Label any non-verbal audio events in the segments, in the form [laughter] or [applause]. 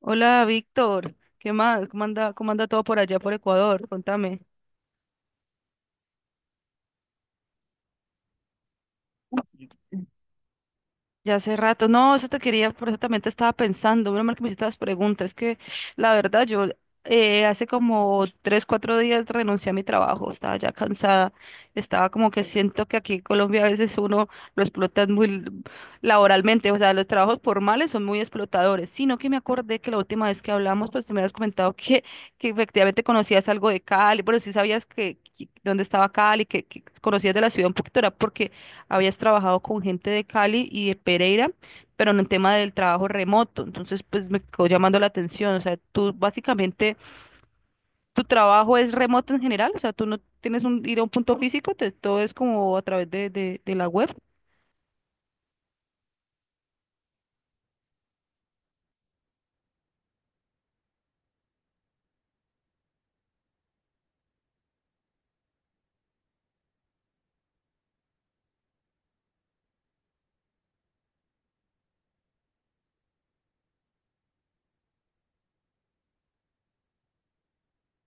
Hola, Víctor. ¿Qué más? Cómo anda todo por allá por Ecuador? Contame. Ya hace rato, no, eso te quería, por eso también te estaba pensando, menos mal que me hiciste las preguntas, es que la verdad yo hace como tres, cuatro días renuncié a mi trabajo, estaba ya cansada, estaba como que siento que aquí en Colombia a veces uno lo explotan muy laboralmente. O sea, los trabajos formales son muy explotadores, sino que me acordé que la última vez que hablamos, pues tú me habías comentado que efectivamente conocías algo de Cali. Bueno, sí sabías dónde estaba Cali, que conocías de la ciudad un poquito, era porque habías trabajado con gente de Cali y de Pereira, pero en el tema del trabajo remoto. Entonces, pues me quedó llamando la atención. O sea, tú básicamente, tu trabajo es remoto en general. O sea, tú no tienes un, ir a un punto físico, todo es como a través de la web.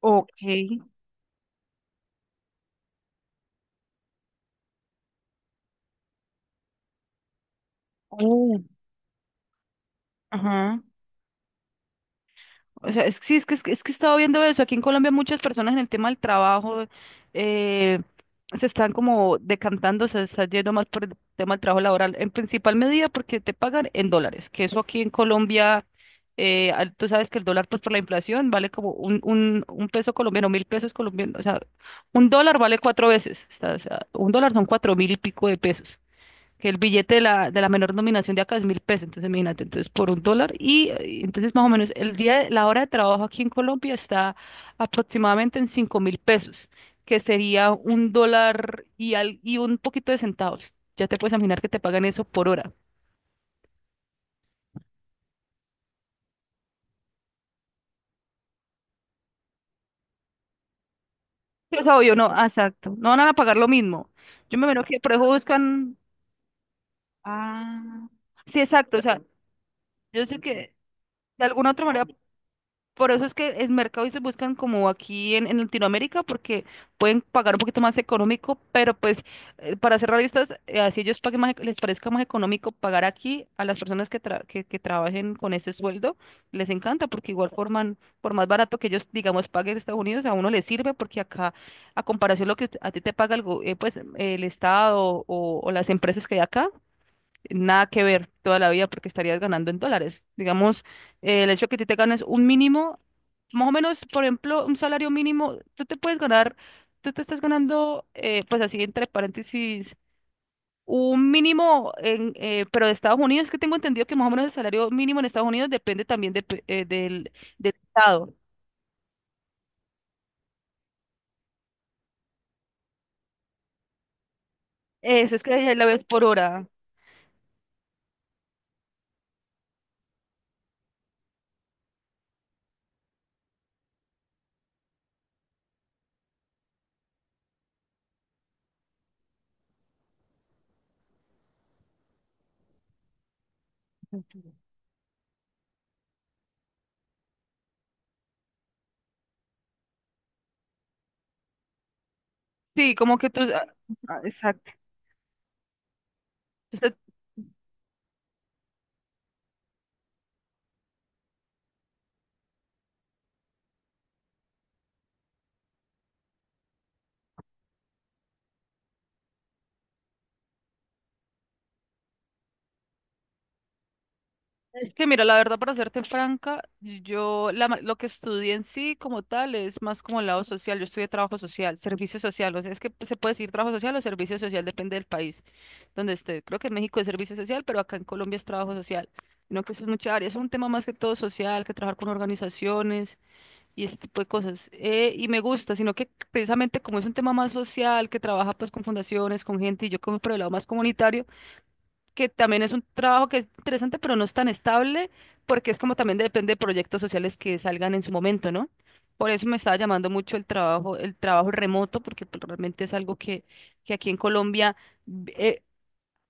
Ok. Oh, ajá. O sea, sí, es que he estado viendo eso. Aquí en Colombia muchas personas en el tema del trabajo eh, se están como decantando, se están yendo más por el tema del trabajo laboral, en principal medida porque te pagan en dólares, que eso aquí en Colombia, tú sabes que el dólar pues por la inflación vale como un peso colombiano, 1.000 pesos colombianos. O sea, un dólar vale cuatro veces, o sea, un dólar son 4.000 y pico de pesos, que el billete de la menor nominación de acá es 1.000 pesos, entonces imagínate, entonces por un dólar entonces más o menos el día, la hora de trabajo aquí en Colombia está aproximadamente en 5.000 pesos, que sería un dólar y, y un poquito de centavos. Ya te puedes imaginar que te pagan eso por hora. Sí. O sea, yo no, ah, exacto, no van a pagar lo mismo. Yo me imagino que por eso buscan... Ah, sí, exacto. O sea, yo sé que de alguna otra manera, por eso es que el mercado se buscan como aquí en Latinoamérica porque pueden pagar un poquito más económico, pero pues para ser realistas, así ellos paguen más, les parezca más económico pagar aquí a las personas que, que trabajen con ese sueldo, les encanta porque igual forman, por más barato que ellos, digamos, paguen en Estados Unidos, a uno les sirve porque acá, a comparación lo que a ti te paga el, pues, el Estado o las empresas que hay acá, nada que ver toda la vida porque estarías ganando en dólares. Digamos, el hecho que tú te ganes un mínimo más o menos, por ejemplo, un salario mínimo, tú te puedes ganar, tú te estás ganando, pues así entre paréntesis, un mínimo, en, pero de Estados Unidos, que tengo entendido que más o menos el salario mínimo en Estados Unidos depende también del, del estado. Eso es que la ves por hora. Sí, como que tú... ah, ah, exacto. Es que mira, la verdad, para serte franca, yo lo que estudié en sí como tal es más como el lado social. Yo estudié trabajo social, servicio social. O sea, es que se puede decir trabajo social o servicio social, depende del país donde esté. Creo que en México es servicio social, pero acá en Colombia es trabajo social. No, que eso es mucha área, es un tema más que todo social, que trabajar con organizaciones y ese tipo de cosas. Y me gusta, sino que precisamente como es un tema más social, que trabaja pues con fundaciones, con gente, y yo como por el lado más comunitario, que también es un trabajo que es interesante, pero no es tan estable, porque es como también depende de proyectos sociales que salgan en su momento, ¿no? Por eso me estaba llamando mucho el trabajo remoto, porque pues, realmente es algo que aquí en Colombia eh,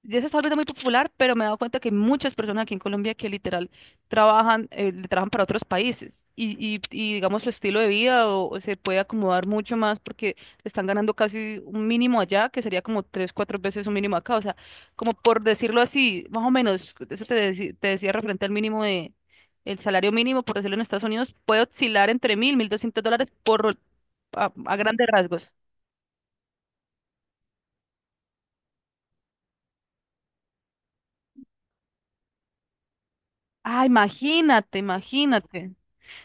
ya se está volviendo muy popular, pero me he dado cuenta que hay muchas personas aquí en Colombia que literal trabajan, le trabajan para otros países y, digamos su estilo de vida o se puede acomodar mucho más porque están ganando casi un mínimo allá, que sería como tres, cuatro veces un mínimo acá. O sea, como por decirlo así, más o menos, eso te, te decía referente al mínimo de, el salario mínimo, por decirlo en Estados Unidos, puede oscilar entre 1.000, 1.200 dólares por, a grandes rasgos. Ah, imagínate, imagínate.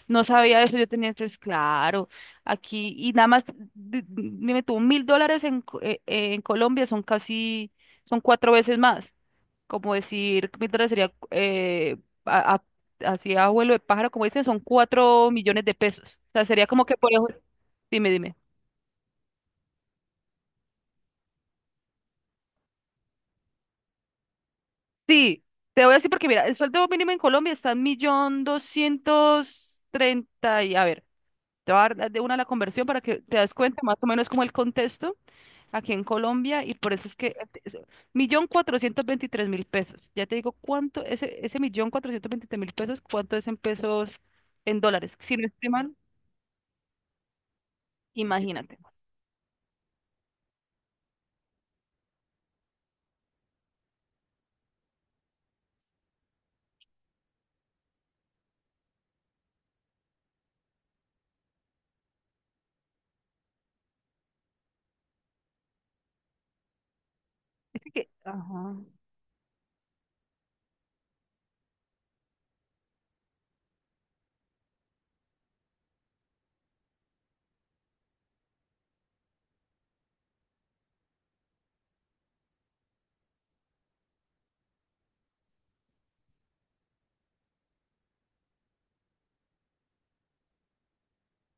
No sabía eso, yo tenía entonces, claro, aquí, y nada más, me tuvo 1.000 dólares en, en Colombia, son casi, son cuatro veces más. Como decir, 1.000 dólares sería, a- a- así a vuelo de pájaro, como dicen, son 4.000.000 de pesos. O sea, sería como que, por ejemplo, dime, dime. Sí, te voy a decir porque, mira, el sueldo mínimo en Colombia está en 1.230 y, a ver, te voy a dar de una la conversión para que te das cuenta más o menos como el contexto. Aquí en Colombia y por eso es que es- 1.423.000 pesos. Ya te digo cuánto, ese 1.423.000 pesos, cuánto es en pesos, en dólares. Si no estoy mal, imagínate. Es que, ajá,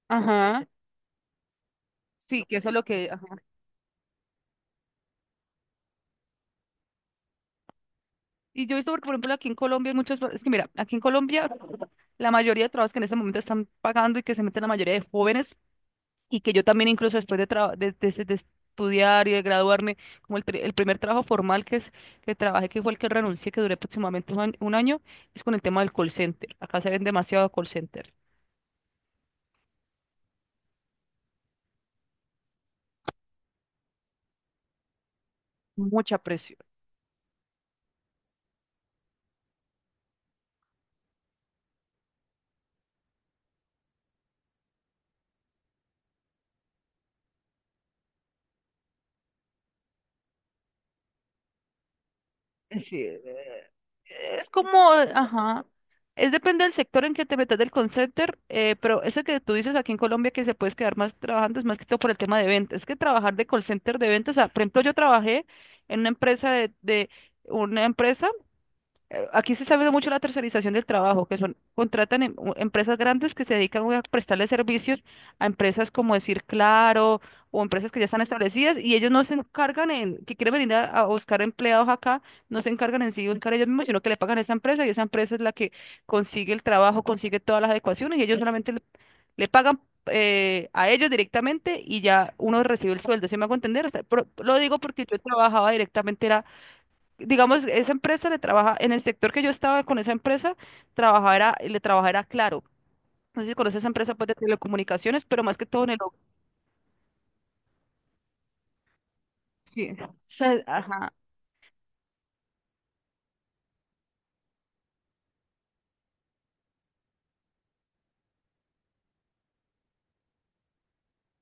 ajá, sí, que eso es lo que, ajá. Y yo he visto, porque, por ejemplo, aquí en Colombia hay muchos, es que mira, aquí en Colombia la mayoría de trabajos que en este momento están pagando y que se meten la mayoría de jóvenes y que yo también incluso después de, de estudiar y de graduarme, como el, el primer trabajo formal que, es, que trabajé, que fue el que renuncié, que duré aproximadamente un año, es con el tema del call center. Acá se ven demasiado call center, mucha presión. Sí, es como, ajá. Es depende del sector en que te metas del call center, pero eso que tú dices aquí en Colombia que se puedes quedar más trabajando es más que todo por el tema de ventas. Es que trabajar de call center de ventas, o sea, por ejemplo, yo trabajé en una empresa una empresa aquí se está viendo mucho la tercerización del trabajo, que son, contratan empresas grandes que se dedican a prestarle servicios a empresas como decir Claro, o empresas que ya están establecidas y ellos no se encargan en, que quieren venir a buscar empleados acá, no se encargan en sí de buscar ellos mismos, sino que le pagan a esa empresa y esa empresa es la que consigue el trabajo, consigue todas las adecuaciones y ellos solamente le, le pagan a ellos directamente y ya uno recibe el sueldo, ¿se me hago entender? O sea, lo digo porque yo trabajaba directamente, era digamos, esa empresa le trabaja, en el sector que yo estaba con esa empresa, trabajaba, le trabajaba era Claro. No sé si conoces esa empresa pues, de telecomunicaciones, pero más que todo en el... Sí. Ajá,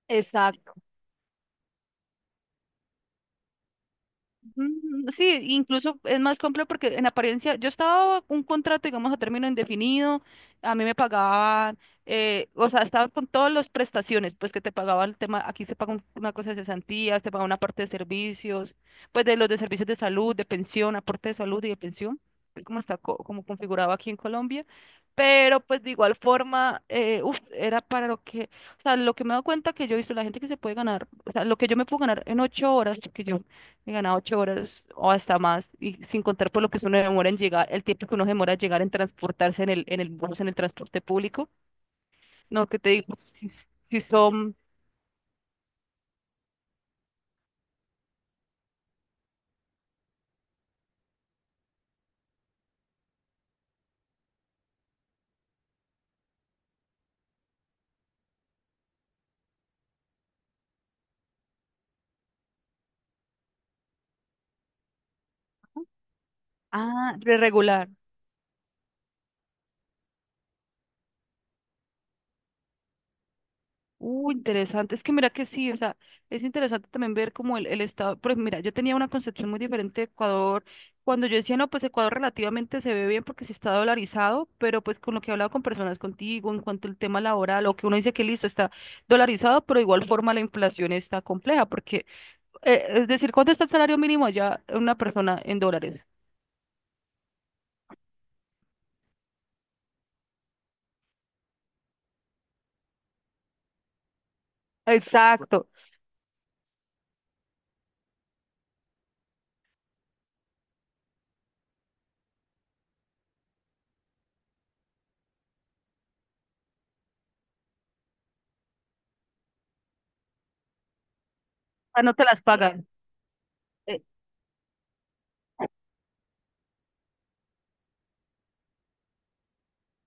exacto. Mm, sí, incluso es más complejo porque en apariencia yo estaba un contrato, digamos, a término indefinido, a mí me pagaban, o sea, estaba con todas las prestaciones, pues que te pagaba el tema, aquí se paga una cosa de cesantías, te paga una parte de servicios, pues de los de servicios de salud, de pensión, aporte de salud y de pensión, es como está como configurado aquí en Colombia, pero pues de igual forma, uf, era para lo que, o sea, lo que me he dado cuenta que yo he visto, la gente que se puede ganar, o sea, lo que yo me puedo ganar en 8 horas, que yo me ganaba 8 horas o hasta más, y sin contar por lo que uno demora en llegar, el tiempo que uno demora en llegar en transportarse en el bus, en el transporte público. No, que te digo, si, si son, ah, de regular, uh, interesante. Es que mira que sí, o sea, es interesante también ver como el estado. Pues mira, yo tenía una concepción muy diferente de Ecuador. Cuando yo decía, no, pues Ecuador relativamente se ve bien porque sí está dolarizado, pero pues con lo que he hablado con personas contigo en cuanto al tema laboral, o que uno dice que listo, está dolarizado, pero de igual forma la inflación está compleja, porque, es decir, ¿cuánto está el salario mínimo allá una persona en dólares? Exacto. Ah, no te las pagan.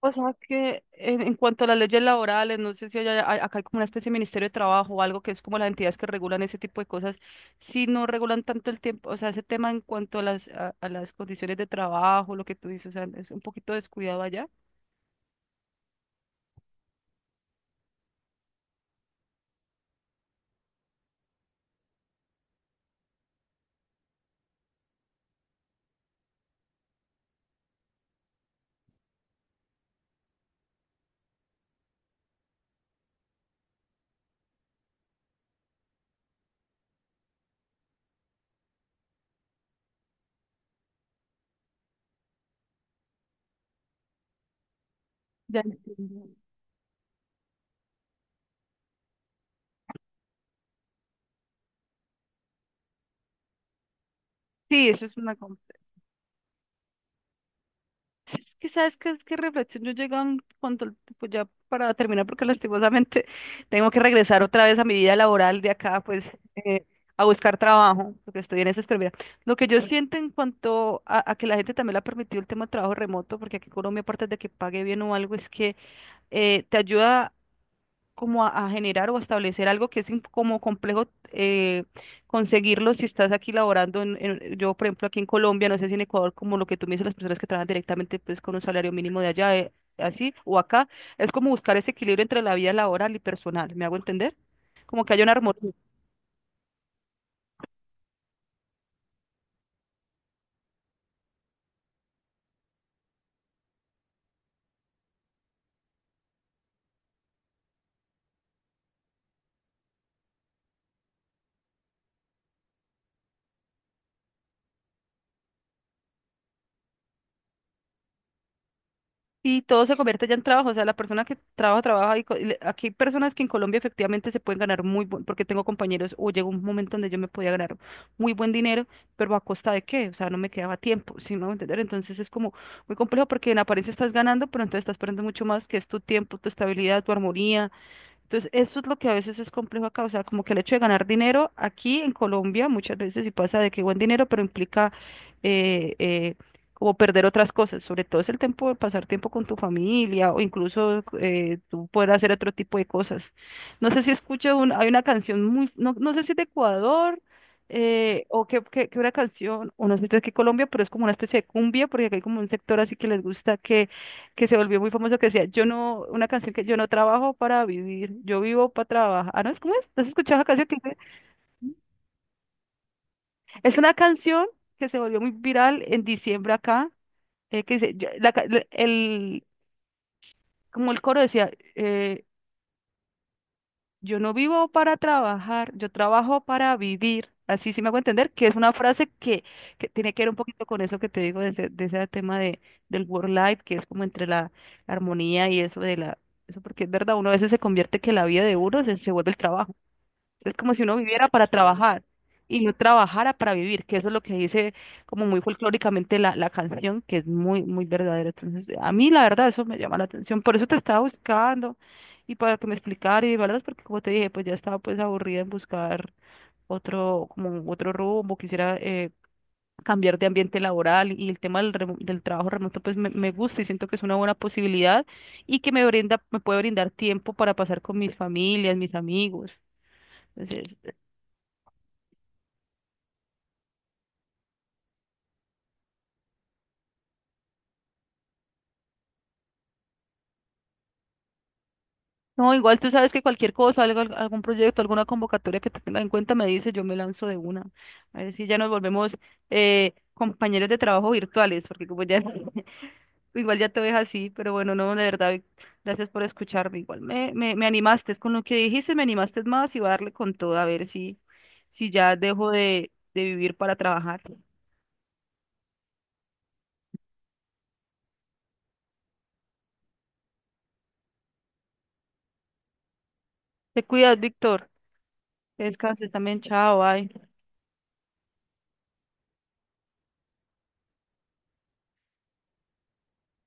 O sea que en cuanto a las leyes laborales, no sé si acá hay como una especie de Ministerio de Trabajo o algo que es como las entidades que regulan ese tipo de cosas, si no regulan tanto el tiempo, o sea, ese tema en cuanto a las condiciones de trabajo, lo que tú dices, o sea, es un poquito descuidado allá. Ya entiendo. Sí, eso es una... Es que sabes que es que reflexión yo llego a un punto, pues ya para terminar, porque lastimosamente [laughs] tengo que regresar otra vez a mi vida laboral de acá, pues eh, a buscar trabajo, porque estoy en esa espera. Lo que yo siento en cuanto a que la gente también le ha permitido el tema de trabajo remoto, porque aquí en Colombia, aparte de que pague bien o algo, es que te ayuda como a generar o a establecer algo que es como complejo eh, conseguirlo si estás aquí laborando en, yo por ejemplo aquí en Colombia, no sé si en Ecuador, como lo que tú me dices, las personas que trabajan directamente pues con un salario mínimo de allá, así, o acá, es como buscar ese equilibrio entre la vida laboral y personal, ¿me hago entender? Como que haya una armonía. Y todo se convierte ya en trabajo, o sea, la persona que trabaja, trabaja, aquí hay personas que en Colombia efectivamente se pueden ganar muy buen, porque tengo compañeros, o llegó un momento donde yo me podía ganar muy buen dinero, pero ¿a costa de qué? O sea, no me quedaba tiempo, ¿si me voy a entender? Entonces es como muy complejo porque en apariencia estás ganando, pero entonces estás perdiendo mucho más, que es tu tiempo, tu estabilidad, tu armonía, entonces, eso es lo que a veces es complejo acá, o sea, como que el hecho de ganar dinero aquí en Colombia muchas veces sí pasa de que buen dinero, pero implica eh, eh, como perder otras cosas, sobre todo es el tiempo de pasar tiempo con tu familia o incluso tú poder hacer otro tipo de cosas. No sé si escucho, un, hay una canción muy, no, no sé si es de Ecuador que una canción, o no sé si es de aquí Colombia, pero es como una especie de cumbia, porque aquí hay como un sector así que les gusta que se volvió muy famoso que decía, yo no, una canción que yo no trabajo para vivir, yo vivo para trabajar. Ah, no, ¿cómo es? ¿No has escuchado esa canción que dice? Es una canción que se volvió muy viral en diciembre acá, que dice, yo- la ca- la- el, como el coro decía, yo no vivo para trabajar, yo trabajo para vivir. Así sí me hago entender que es una frase que tiene que ver un poquito con eso que te digo de ese tema de, del work life, que es como entre la armonía y eso de la, eso porque es verdad, uno a veces se convierte que la vida de uno se vuelve el trabajo. Es como si uno viviera para trabajar y no trabajara para vivir, que eso es lo que dice como muy folclóricamente la canción, que es muy, muy verdadero. Entonces, a mí la verdad eso me llama la atención. Por eso te estaba buscando y para que me explicara y ¿verdad? Porque como te dije, pues ya estaba pues aburrida en buscar otro, como otro rumbo, quisiera cambiar de ambiente laboral y el tema del trabajo remoto pues me gusta y siento que es una buena posibilidad y que me brinda, me puede brindar tiempo para pasar con mis familias, mis amigos. Entonces, no, igual tú sabes que cualquier cosa, algún proyecto, alguna convocatoria que tenga en cuenta me dice, yo me lanzo de una. A ver si ya nos volvemos compañeros de trabajo virtuales, porque como ya, [laughs] igual ya te ves así, pero bueno, no, de verdad, Vic, gracias por escucharme. Igual me animaste, es con lo que dijiste, me animaste más y voy a darle con todo, a ver si, si ya dejo de vivir para trabajar. Te cuidas, Víctor, que descanses también, chao, bye.